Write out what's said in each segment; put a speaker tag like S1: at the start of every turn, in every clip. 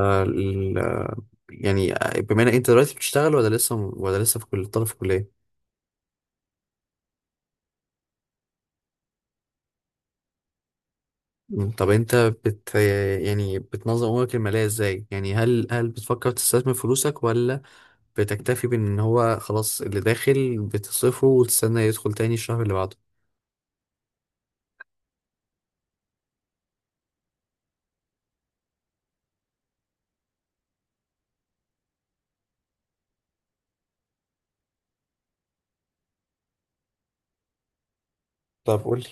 S1: ال- يعني بما ان انت دلوقتي بتشتغل ولا لسه، ولا لسه في كل طالب في كلية. طب انت بت يعني بتنظم امورك المالية ازاي؟ يعني هل بتفكر تستثمر فلوسك، ولا بتكتفي بان هو خلاص اللي داخل بتصرفه وتستنى يدخل تاني الشهر اللي بعده؟ طب قول لي.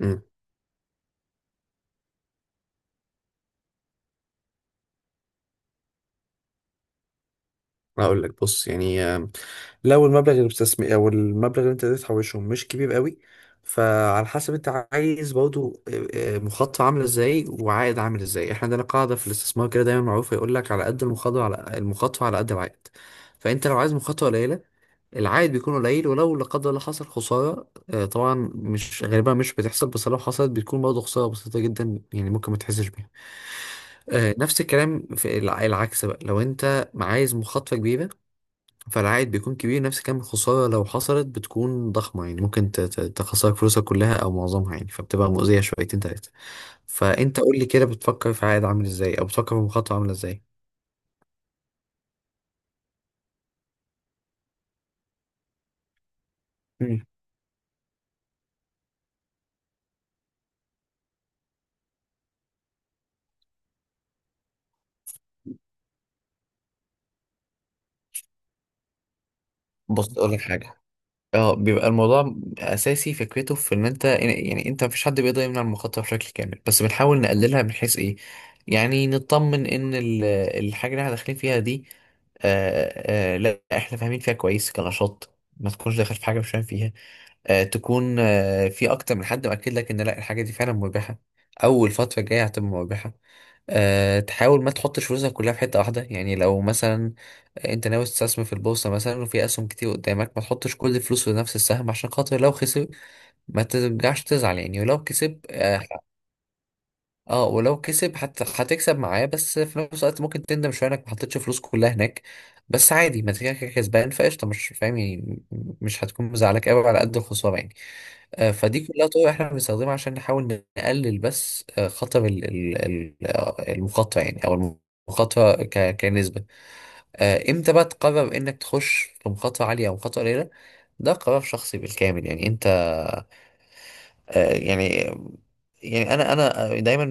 S1: امم هقول لك، بص يعني لو المبلغ اللي بتستثمر او المبلغ اللي انت قدرت تحوشه مش كبير قوي، فعلى حسب انت عايز برضو مخاطره عامله ازاي وعائد عامل ازاي. احنا عندنا قاعده في الاستثمار كده دايما معروفه، يقول لك على قد المخاطره، على قد العائد. فانت لو عايز مخاطره قليله، العائد بيكون قليل، ولو لا قدر الله حصل خساره، طبعا مش غالبا، مش بتحصل، بس لو حصلت بتكون برضه خساره بسيطه جدا يعني، ممكن ما تحسش بيها. نفس الكلام في العكس بقى، لو انت عايز مخاطره كبيره، فالعائد بيكون كبير، نفس كم الخسارة لو حصلت بتكون ضخمة، يعني ممكن تخسرك فلوسك كلها أو معظمها يعني، فبتبقى مؤذية شويتين تلاتة. فأنت قول لي كده، بتفكر في عائد عامل إزاي، أو بتفكر في مخاطرة عاملة إزاي؟ مم. بص اقول لك حاجه، اه بيبقى الموضوع اساسي فكرته في ان انت يعني، انت مفيش حد بيقدر يمنع المخاطره بشكل كامل، بس بنحاول نقللها من حيث ايه؟ يعني نطمن ان الحاجه اللي احنا داخلين فيها دي لا احنا فاهمين فيها كويس كنشاط، ما تكونش داخل في حاجه مش فاهم فيها. تكون في اكتر من حد مأكد لك ان لا الحاجه دي فعلا مربحه او الفتره الجايه هتبقى مربحه. أه تحاول ما تحطش فلوسك كلها في حته واحده، يعني لو مثلا انت ناوي تستثمر في البورصه مثلا، وفي اسهم كتير قدامك، ما تحطش كل الفلوس في نفس السهم، عشان خاطر لو خسر ما ترجعش تزعل يعني، ولو كسب أه، اه ولو كسب هتكسب معاه، بس في نفس الوقت ممكن تندم شويه انك ما حطيتش فلوس كلها هناك، بس عادي، ما انت كده كده كسبان، فقشطه مش فاهم يعني، مش هتكون مزعلك قوي على قد الخساره يعني. فدي كلها طرق احنا بنستخدمها عشان نحاول نقلل بس خطر المخاطره يعني، او المخاطره كنسبه. امتى بقى تقرر انك تخش في مخاطره عاليه او مخاطره قليله؟ ده قرار شخصي بالكامل، يعني انت آه، يعني يعني انا انا آه، دايما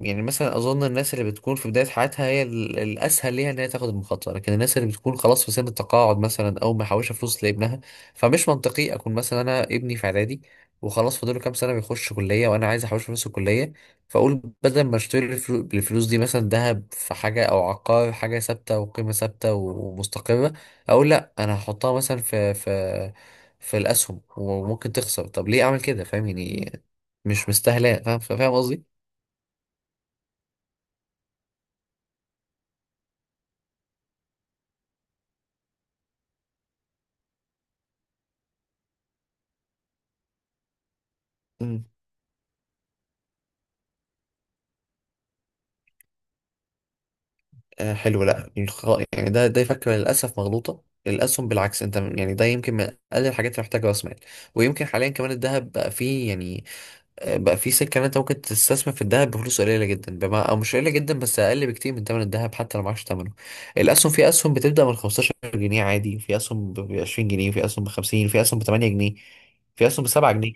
S1: يعني مثلا اظن الناس اللي بتكون في بدايه حياتها هي الاسهل ليها ان هي تاخد المخاطره، لكن الناس اللي بتكون خلاص في سن التقاعد مثلا، او محوشه فلوس لابنها، فمش منطقي اكون مثلا انا ابني في اعدادي وخلاص فاضل له كام سنه بيخش كليه، وانا عايز احوش فلوس الكليه، فاقول بدل ما اشتري الفلوس دي مثلا ذهب، في حاجه او عقار، حاجه ثابته وقيمه ثابته ومستقره، اقول لا انا هحطها مثلا في في الاسهم وممكن تخسر. طب ليه اعمل كده؟ فاهم يعني، مش مستاهله، فاهم فاهم قصدي. مم. آه حلو، لا ده فكره للاسف مغلوطه. الاسهم بالعكس انت ده يمكن من اقل الحاجات اللي محتاجه راس مال. ويمكن حاليا كمان الذهب بقى فيه يعني بقى فيه سكه ان انت ممكن تستثمر في الذهب بفلوس قليله جدا، بما او مش قليله جدا بس اقل بكتير من ثمن الذهب، حتى لو معكش ثمنه. الاسهم، في اسهم بتبدا من 15 جنيه عادي، في اسهم ب 20 جنيه، في اسهم ب 50، في اسهم ب 8 جنيه، في اسهم ب 7 جنيه.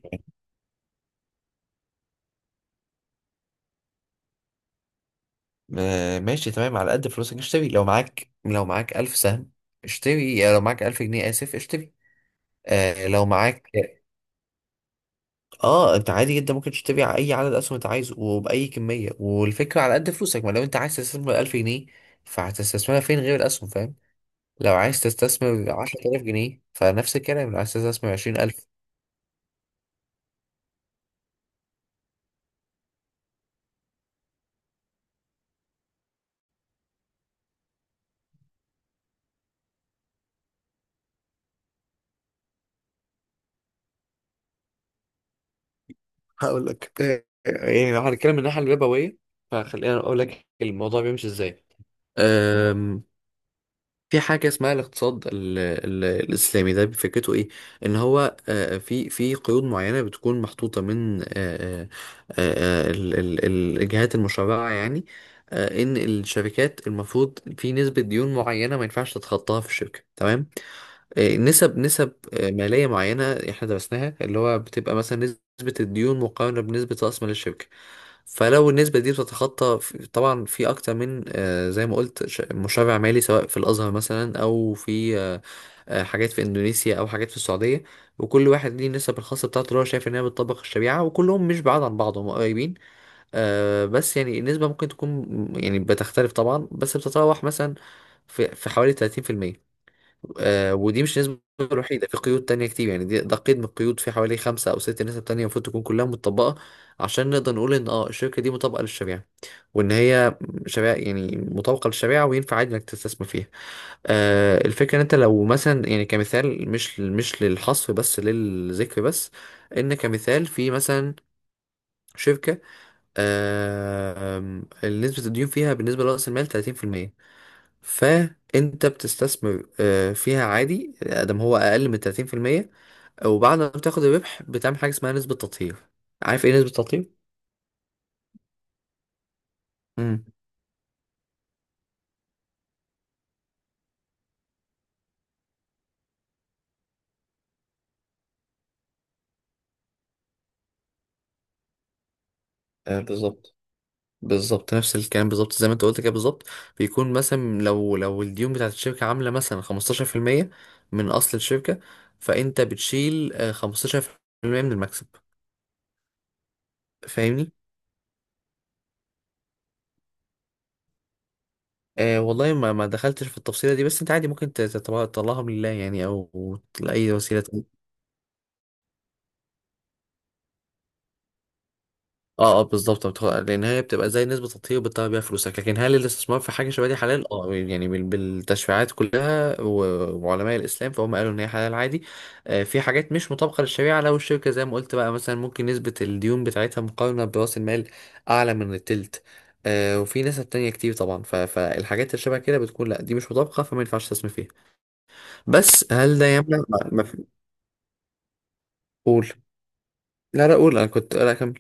S1: ماشي تمام، على قد فلوسك اشتري. لو معاك ألف سهم اشتري، يعني لو معاك ألف جنيه، آسف، اشتري. آه لو معاك، اه انت عادي جدا ممكن تشتري اي عدد اسهم انت عايزه وبأي كمية، والفكرة على قد فلوسك ما. لو انت عايز تستثمر 1000 جنيه فهتستثمرها فين غير الأسهم؟ فاهم؟ لو عايز تستثمر 10000 جنيه فنفس الكلام، لو عايز تستثمر 20000. هقول لك يعني لو هنتكلم من الناحية الربوية، فخلينا أقول لك الموضوع بيمشي إزاي. في حاجة اسمها الاقتصاد ال ال الإسلامي، ده فكرته إيه؟ إن هو في قيود معينة بتكون محطوطة من الجهات المشرعة يعني. إن الشركات المفروض في نسبة ديون معينة ما ينفعش تتخطاها في الشركة، تمام؟ نسب مالية معينة احنا درسناها، اللي هو بتبقى مثلا نسبة الديون مقارنة بنسبة رأس مال الشركة. فلو النسبة دي بتتخطى، طبعا في أكتر من زي ما قلت، مشرع مالي، سواء في الأزهر مثلا، أو في حاجات في إندونيسيا، أو حاجات في السعودية، وكل واحد ليه النسب الخاصة بتاعته اللي هو شايف إنها بتطبق الشريعة، وكلهم مش بعاد عن بعض، هم قريبين. بس يعني النسبة ممكن تكون، يعني بتختلف طبعا، بس بتتراوح مثلا في حوالي 30%. آه ودي مش النسبة الوحيدة، في قيود تانية كتير، يعني دي ده قيد من القيود، في حوالي 5 أو 6 نسب تانية المفروض تكون كلها متطبقة عشان نقدر نقول إن اه الشركة دي مطابقة للشريعة، وإن هي شريعة يعني مطابقة للشريعة، وينفع عادي إنك تستثمر فيها. آه الفكرة إن أنت لو مثلا يعني كمثال، مش للحصر بس للذكر، بس إن كمثال في مثلا شركة آه آم، نسبة الديون فيها بالنسبة لرأس المال 30%، فانت بتستثمر فيها عادي ادم هو اقل من 30%، وبعد ما بتاخد الربح بتعمل حاجه اسمها نسبه تطهير. عارف ايه نسبه التطهير؟ امم آه بالظبط، بالظبط نفس الكلام، بالظبط زي ما انت قلت كده بالظبط. بيكون مثلا لو الديون بتاعت الشركه عامله مثلا 15% من اصل الشركه، فانت بتشيل 15% من المكسب، فاهمني؟ والله ما دخلتش في التفصيله دي، بس انت عادي ممكن تطلعها من لله يعني، او لاي وسيله. اه بالظبط، لان هي بتبقى زي نسبه تطهير بتطلع بيها فلوسك، لكن هل الاستثمار في حاجه شبه دي حلال؟ اه يعني بالتشريعات كلها وعلماء الاسلام، فهم قالوا ان هي حلال عادي. آه في حاجات مش مطابقه للشريعه، لو الشركه زي ما قلت بقى مثلا، ممكن نسبه الديون بتاعتها مقارنه براس المال اعلى من التلت، آه وفي نسب تانية كتير طبعا، فالحاجات اللي شبه كده بتكون لا دي مش مطابقه، فما ينفعش تستثمر فيها. بس هل ده يمنع قول. لا لا قول، انا كنت، لا كمل.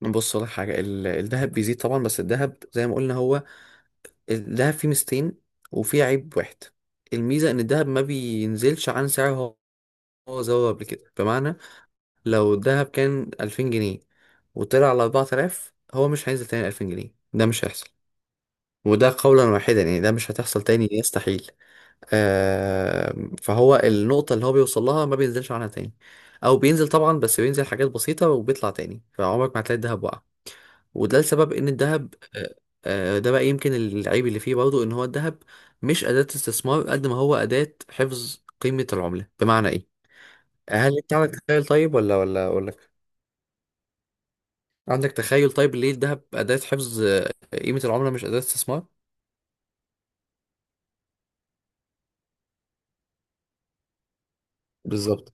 S1: بص لك حاجه، الذهب بيزيد طبعا، بس الذهب زي ما قلنا هو، الذهب فيه ميزتين وفيه عيب واحد. الميزة إن الذهب ما بينزلش عن سعره هو زود قبل كده، بمعنى لو الذهب كان 2000 جنيه وطلع على 4000، هو مش هينزل تاني 2000 جنيه، ده مش هيحصل. وده قولا واحدا يعني، ده مش هتحصل تاني، يستحيل. آه فهو النقطة اللي هو بيوصل لها ما بينزلش عنها تاني، أو بينزل طبعا بس بينزل حاجات بسيطة وبيطلع تاني، فعمرك ما هتلاقي الذهب وقع. وده لسبب ان الذهب ده بقى يمكن العيب اللي فيه برضه، ان هو الذهب مش اداة استثمار قد ما هو اداة حفظ قيمة العملة. بمعنى ايه؟ هل انت عندك تخيل طيب، ولا اقول لك؟ عندك تخيل طيب ليه الذهب اداة حفظ قيمة العملة مش اداة استثمار؟ بالظبط،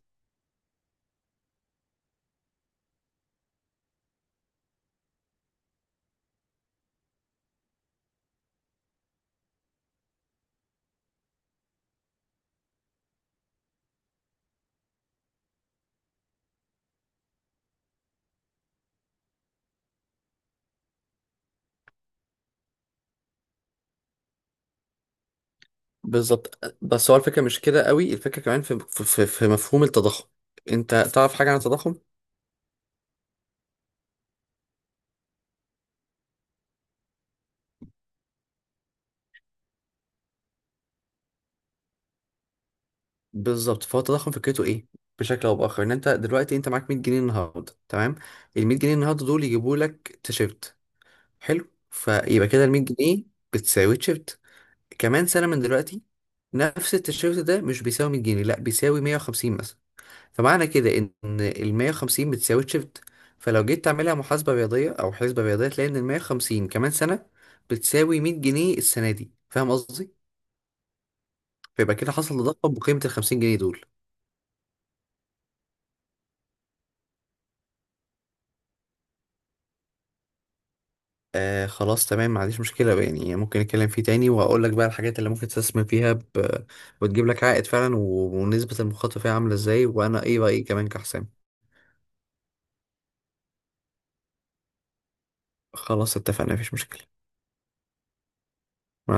S1: بالظبط بس هو الفكرة مش كده قوي، الفكرة كمان في مفهوم التضخم. انت تعرف حاجة عن التضخم؟ بالظبط. فهو التضخم فكرته ايه؟ بشكل او باخر، ان انت دلوقتي معاك 100 جنيه النهارده، تمام، ال 100 جنيه النهارده دول يجيبوا لك تيشيرت، حلو، فيبقى كده ال 100 جنيه بتساوي تيشيرت. كمان سنه من دلوقتي، نفس التيشيرت ده مش بيساوي 100 جنيه، لا بيساوي 150 مثلا. فمعنى كده ان ال 150 بتساوي تيشيرت، فلو جيت تعملها محاسبه رياضيه او حسبه رياضيه، تلاقي ان ال 150 كمان سنه بتساوي 100 جنيه السنه دي، فاهم قصدي؟ فيبقى كده حصل تضخم بقيمه ال 50 جنيه دول. آه خلاص تمام، ما عنديش مشكلة بقى، يعني ممكن نتكلم فيه تاني، وهقول لك بقى الحاجات اللي ممكن تستثمر فيها ب... وتجيب لك عائد فعلا و... ونسبة المخاطرة فيها عاملة ازاي، وانا ايه رأيي كمان كحسام. خلاص اتفقنا، مفيش مشكلة.